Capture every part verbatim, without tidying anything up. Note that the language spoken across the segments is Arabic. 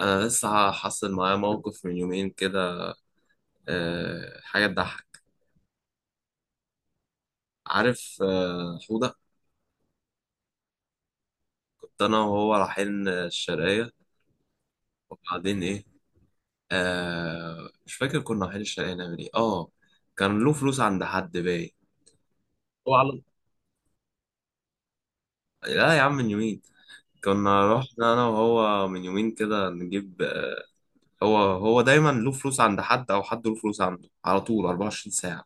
أنا لسه حصل معايا موقف من يومين كده. أه حاجة تضحك. عارف أه حودة؟ كنت أنا وهو رايحين الشرقية، وبعدين إيه؟ أه مش فاكر، كنا رايحين الشرقية نعمل إيه؟ آه كان له فلوس عند حد باين. هو على لا يا عم، من يومين. كنا رحنا أنا وهو من يومين كده نجيب، آه، هو هو دايما له فلوس عند حد أو حد له فلوس عنده على طول 24 ساعة.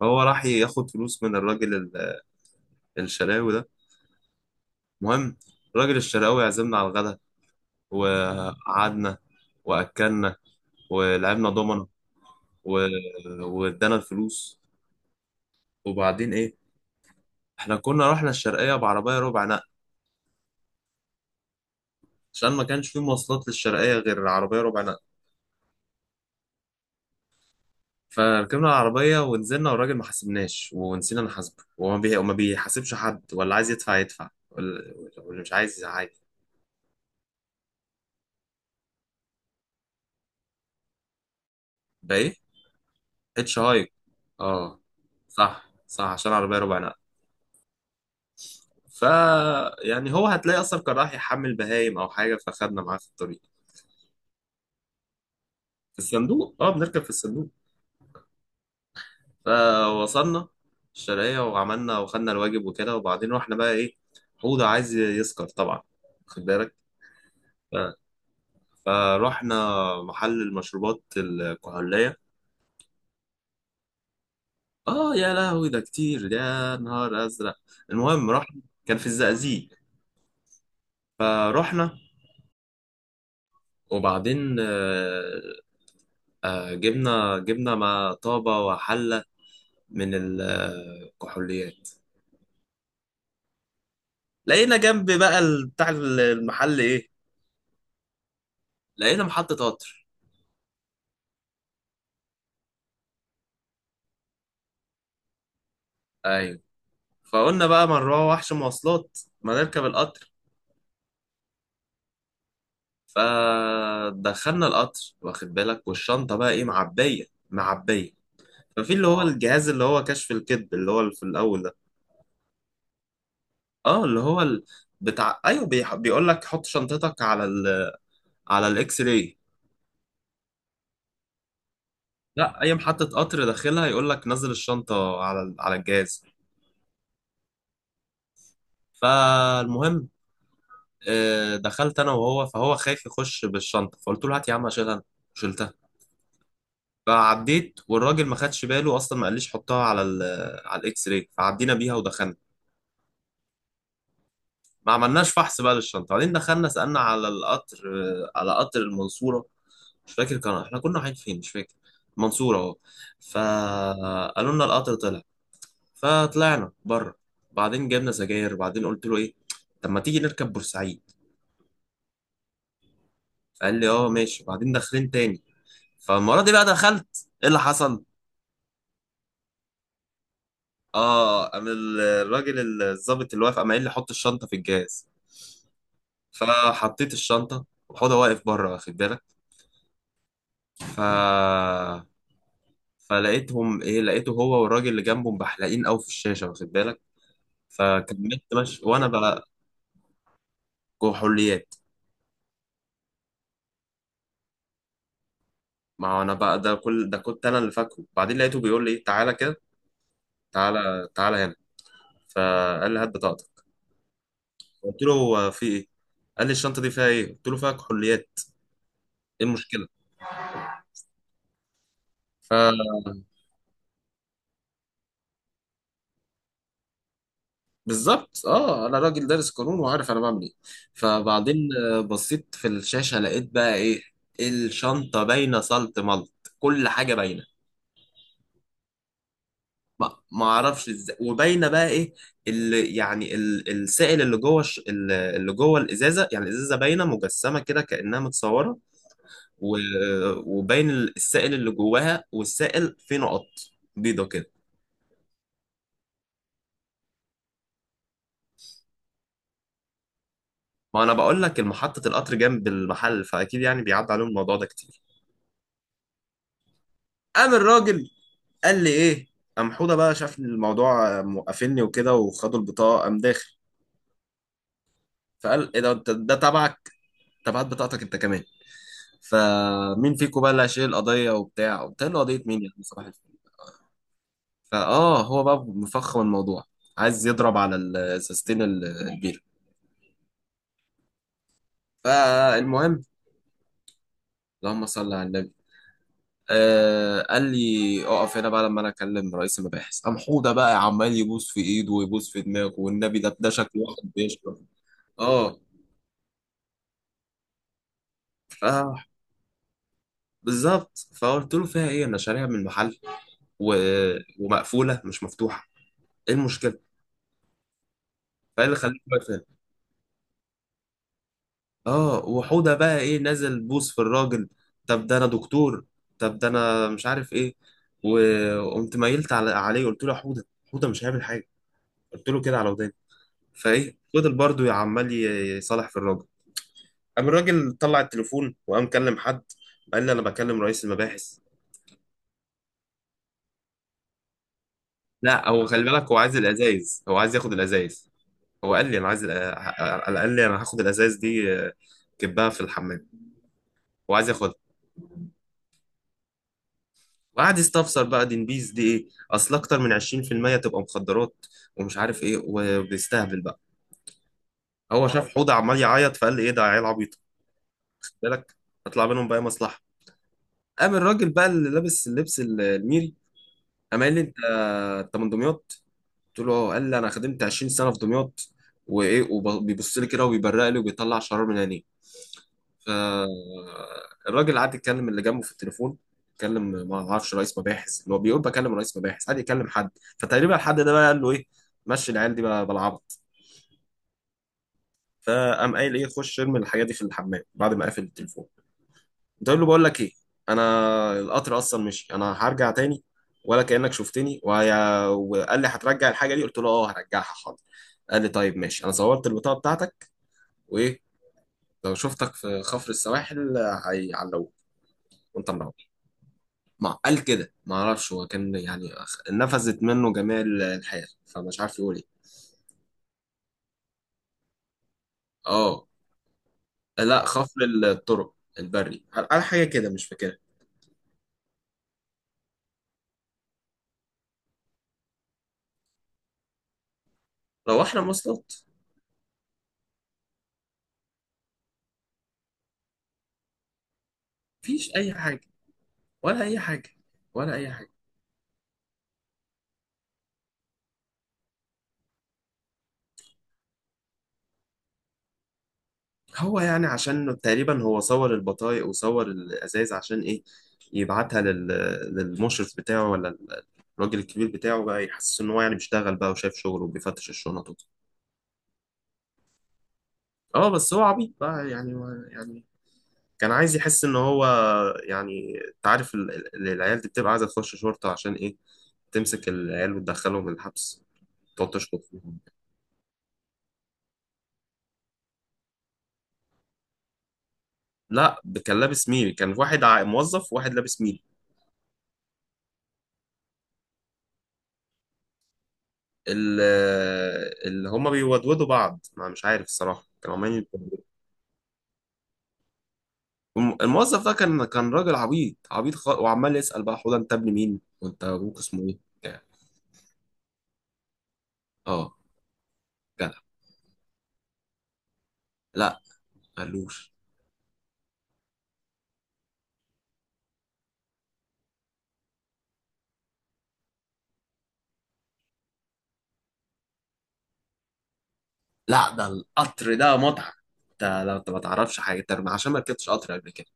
فهو راح ياخد فلوس من الراجل ال- الشراوي ده. المهم، الراجل الشراوي عزمنا على الغدا، وقعدنا واكلنا ولعبنا دومنا و... وادانا الفلوس. وبعدين ايه؟ احنا كنا رحنا الشرقيه بعربيه ربع نقل، عشان ما كانش في مواصلات للشرقيه غير عربيه ربع نقل. فركبنا العربيه ونزلنا، والراجل ما حاسبناش، ونسينا نحاسبه، وما بي... وما بيحاسبش حد، ولا عايز يدفع يدفع، ولا- واللي مش عايز عادي. بقى ايه؟ اتش هايك، اه، صح صح عشان عربيه ربع نقل. ف يعني هو هتلاقي اصلا كان راح يحمل بهايم او حاجه، فخدنا معاه في الطريق. في الصندوق، اه، بنركب في الصندوق. فوصلنا الشرقية، وعملنا وخدنا الواجب وكده، وبعدين رحنا بقى ايه؟ حوضة عايز يسكر طبعا، خد بالك. ف- فروحنا محل المشروبات الكحولية. اه يا لهوي، ده كتير، يا نهار ازرق. المهم رحنا، كان في الزقازيق. فروحنا، وبعدين آه، آه، جبنا جبنا ما طابة وحلة من الكحوليات. لقينا جنب بقى ال- بتاع المحل ايه، لقينا محطة قطر. ايوه. فقلنا بقى، ما نروح وحش مواصلات، ما نركب القطر. فدخلنا القطر واخد بالك، والشنطة بقى ايه، معبية معبية. ففي اللي هو اه الجهاز، اللي هو كشف الكذب، اللي هو اللي في الأول ده، اه، اللي هو ال... بتاع، ايوه، بيح... بيقول لك حط شنطتك على ال... على الاكس راي. لا، اي محطة قطر داخلها يقول لك نزل الشنطة على ال... على الجهاز. فالمهم، آه، دخلت انا وهو، فهو خايف يخش بالشنطة، فقلت له هات يا عم اشيلها أنا. وشلتها. فعديت، والراجل ما خدش باله اصلا، ما قاليش حطها على ال آه، على الاكس راي، فعدينا بيها ودخلنا. ما عملناش فحص بقى للشنطه، بعدين دخلنا سالنا على القطر، آه، على قطر المنصوره. مش فاكر كان احنا كنا رايحين فين، مش فاكر، المنصوره اهو. فقالوا لنا القطر طلع، فطلعنا بره. بعدين جبنا سجاير، بعدين قلت له ايه، طب ما تيجي نركب بورسعيد؟ فقال لي اه ماشي، بعدين داخلين تاني. فالمره دي بقى دخلت، ايه اللي حصل؟ اه، قام الراجل الظابط اللي واقف، قام قايل لي حط الشنطه في الجهاز. فحطيت الشنطة، وحوضة واقف بره واخد بالك. ف... فلقيتهم ايه، لقيته هو والراجل اللي جنبه بحلقين قوي في الشاشة واخد بالك. فكملت ماشي وانا بقى جوه حليات. ما هو انا بقى، ده كل ده كنت انا اللي فاكره، بعدين لقيته بيقول لي ايه، تعالى كده، تعالى تعالى هنا. فقال لي هات بطاقتك، قلت له هو في ايه؟ قال لي الشنطة دي فيها ايه؟ قلت له فيها كحوليات. ايه المشكلة؟ بالظبط، اه، انا راجل دارس قانون وعارف انا بعمل ايه. فبعدين آه، بصيت في الشاشه، لقيت بقى ايه، الشنطه باينه صلت ملط، كل حاجه باينه. ما ما اعرفش ازاي، وباينه بقى ايه، اللي يعني ال- السائل اللي جوه الش- ال- اللي جوه الازازه، يعني الازازه باينه مجسمه كده كانها متصوره. و- وباين ال- السائل اللي جواها، والسائل فيه نقط بيضه كده. ما انا بقول لك محطه القطر جنب المحل، فاكيد يعني بيعدي عليهم الموضوع ده كتير. قام الراجل قال لي ايه، قام حوده بقى شاف إن الموضوع موقفني وكده، وخدوا البطاقه، قام داخل. فقال ايه ده، انت ده تبعك، تبعت بطاقتك انت كمان. فمين فيكم بقى اللي هيشيل القضيه وبتاع؟ قلت له قضيه مين يا عم، صباح الفل. فاه هو بقى مفخم الموضوع، عايز يضرب على السستين البير. فالمهم، اللهم صل على النبي. آه، قال لي اقف هنا بقى لما انا اكلم رئيس المباحث. قام حوده بقى عمال يبوس في ايده ويبوس في دماغه، والنبي ده ده شكل واحد بيشرب. اه بالظبط، فقلت له فيها ايه، انا شاريها من المحل و... ومقفوله مش مفتوحه، ايه المشكله؟ فايه اللي خليك واقف؟ اه، وحوده بقى ايه نازل بوس في الراجل، طب ده انا دكتور، طب ده انا مش عارف ايه. وقمت ميلت على... عليه، قلت له يا حوده، حوده مش هيعمل حاجه، قلت له كده على وداني. فايه فضل برضه عمال ي- يصالح في الراجل. قام الراجل طلع التليفون، وقام كلم حد، قال لي انا بكلم رئيس المباحث. لا هو خلي بالك، هو عايز الازايز، هو عايز ياخد الازايز. هو قال لي انا عايز، انا قال لي انا هاخد الازاز دي، آه، كبها في الحمام، وعايز ياخدها. وقعد يستفسر بقى، دي نبيز، دي ايه، اصل اكتر من عشرين في المية تبقى مخدرات، ومش عارف ايه، وبيستهبل بقى. هو شاف حوضه عمال يعيط، فقال لي ايه ده عيال عبيط، خد بالك، هطلع منهم بقى مصلحه. قام الراجل بقى اللي لابس اللبس ال- الميري، قام قال لي انت، انت من دمياط؟ قلت له اه، قال لي انا خدمت عشرين سنة سنه في دمياط، وايه، وبيبص لي كده وبيبرق لي وبيطلع شرار من عينيه. فالراجل قعد يتكلم اللي جنبه في التليفون، اتكلم، ما اعرفش رئيس مباحث، اللي هو بيقول بكلم رئيس مباحث، قعد يكلم حد. فتقريبا الحد ده بقى قال له ايه، مشي العيال دي بقى بالعبط. فقام قايل ايه، خش ارمي الحاجه دي في الحمام، بعد ما قافل التليفون. قلت له بقول لك ايه، انا القطر اصلا مشي، انا هرجع تاني، ولا كانك شفتني، وهي... وقال لي هترجع الحاجه دي، قلت له اه هرجعها حاضر. قال لي طيب ماشي، انا صورت البطاقه بتاعتك، وايه، لو شفتك في خفر السواحل هيعلقوك وانت مروح، ما قال كده. ما اعرفش هو كان يعني أخ- نفذت منه جميع ال- الحياة، فمش عارف يقول ايه. اه، لا خفر الطرق البري، قال حاجة كده مش فاكرها. روحنا مواصلات. مفيش اي حاجة، ولا اي حاجة، ولا اي حاجة. هو يعني عشان تقريبا هو صور البطايق وصور الازايز عشان ايه، يبعتها لل... للمشرف بتاعه، ولا ال- الراجل الكبير بتاعه بقى، يحسس ان هو يعني بيشتغل بقى وشايف شغله وبيفتش الشنط وكده. اه، بس هو عبيط بقى يعني، يعني كان عايز يحس ان هو، يعني انت عارف ال- ال- العيال دي بتبقى عايزه تخش شرطه عشان ايه، تمسك العيال وتدخلهم الحبس، تقعد تشخط فيهم. لا ده كان لابس ميري، كان واحد ع- موظف وواحد لابس ميري. ال- اللي هما بيودودوا بعض، ما مش عارف الصراحه كانوا عمالين يتكلموا. الم- الموظف ده كان كان راجل عبيط عبيط خ... وعمال يسال بقى حوده انت ابن مين، وانت ابوك اسمه ايه يعني. اه جدع. لا قالوش. لا ده القطر ده متعة، انت لو انت ما تعرفش حاجة، انت ما- عشان ما ركبتش قطر قبل كده.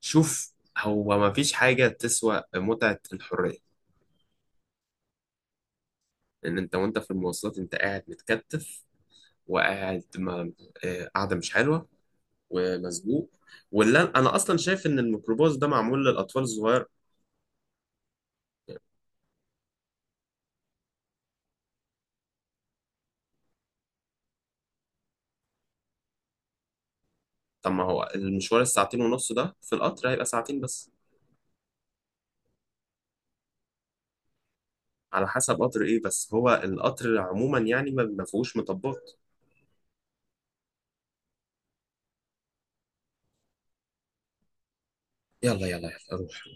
شوف، هو ما فيش حاجة تسوى متعة الحرية. ان انت وانت في المواصلات انت قاعد متكتف، وقاعد ما آه، قاعدة مش حلوة ومسبوق. ولا انا اصلا شايف ان الميكروباص ده معمول للاطفال الصغير. طب ما هو المشوار الساعتين ونص ده في القطر هيبقى ساعتين بس، على حسب قطر ايه، بس هو القطر عموما يعني ما ما فيهوش مطبات. يلا يلا يلا روح.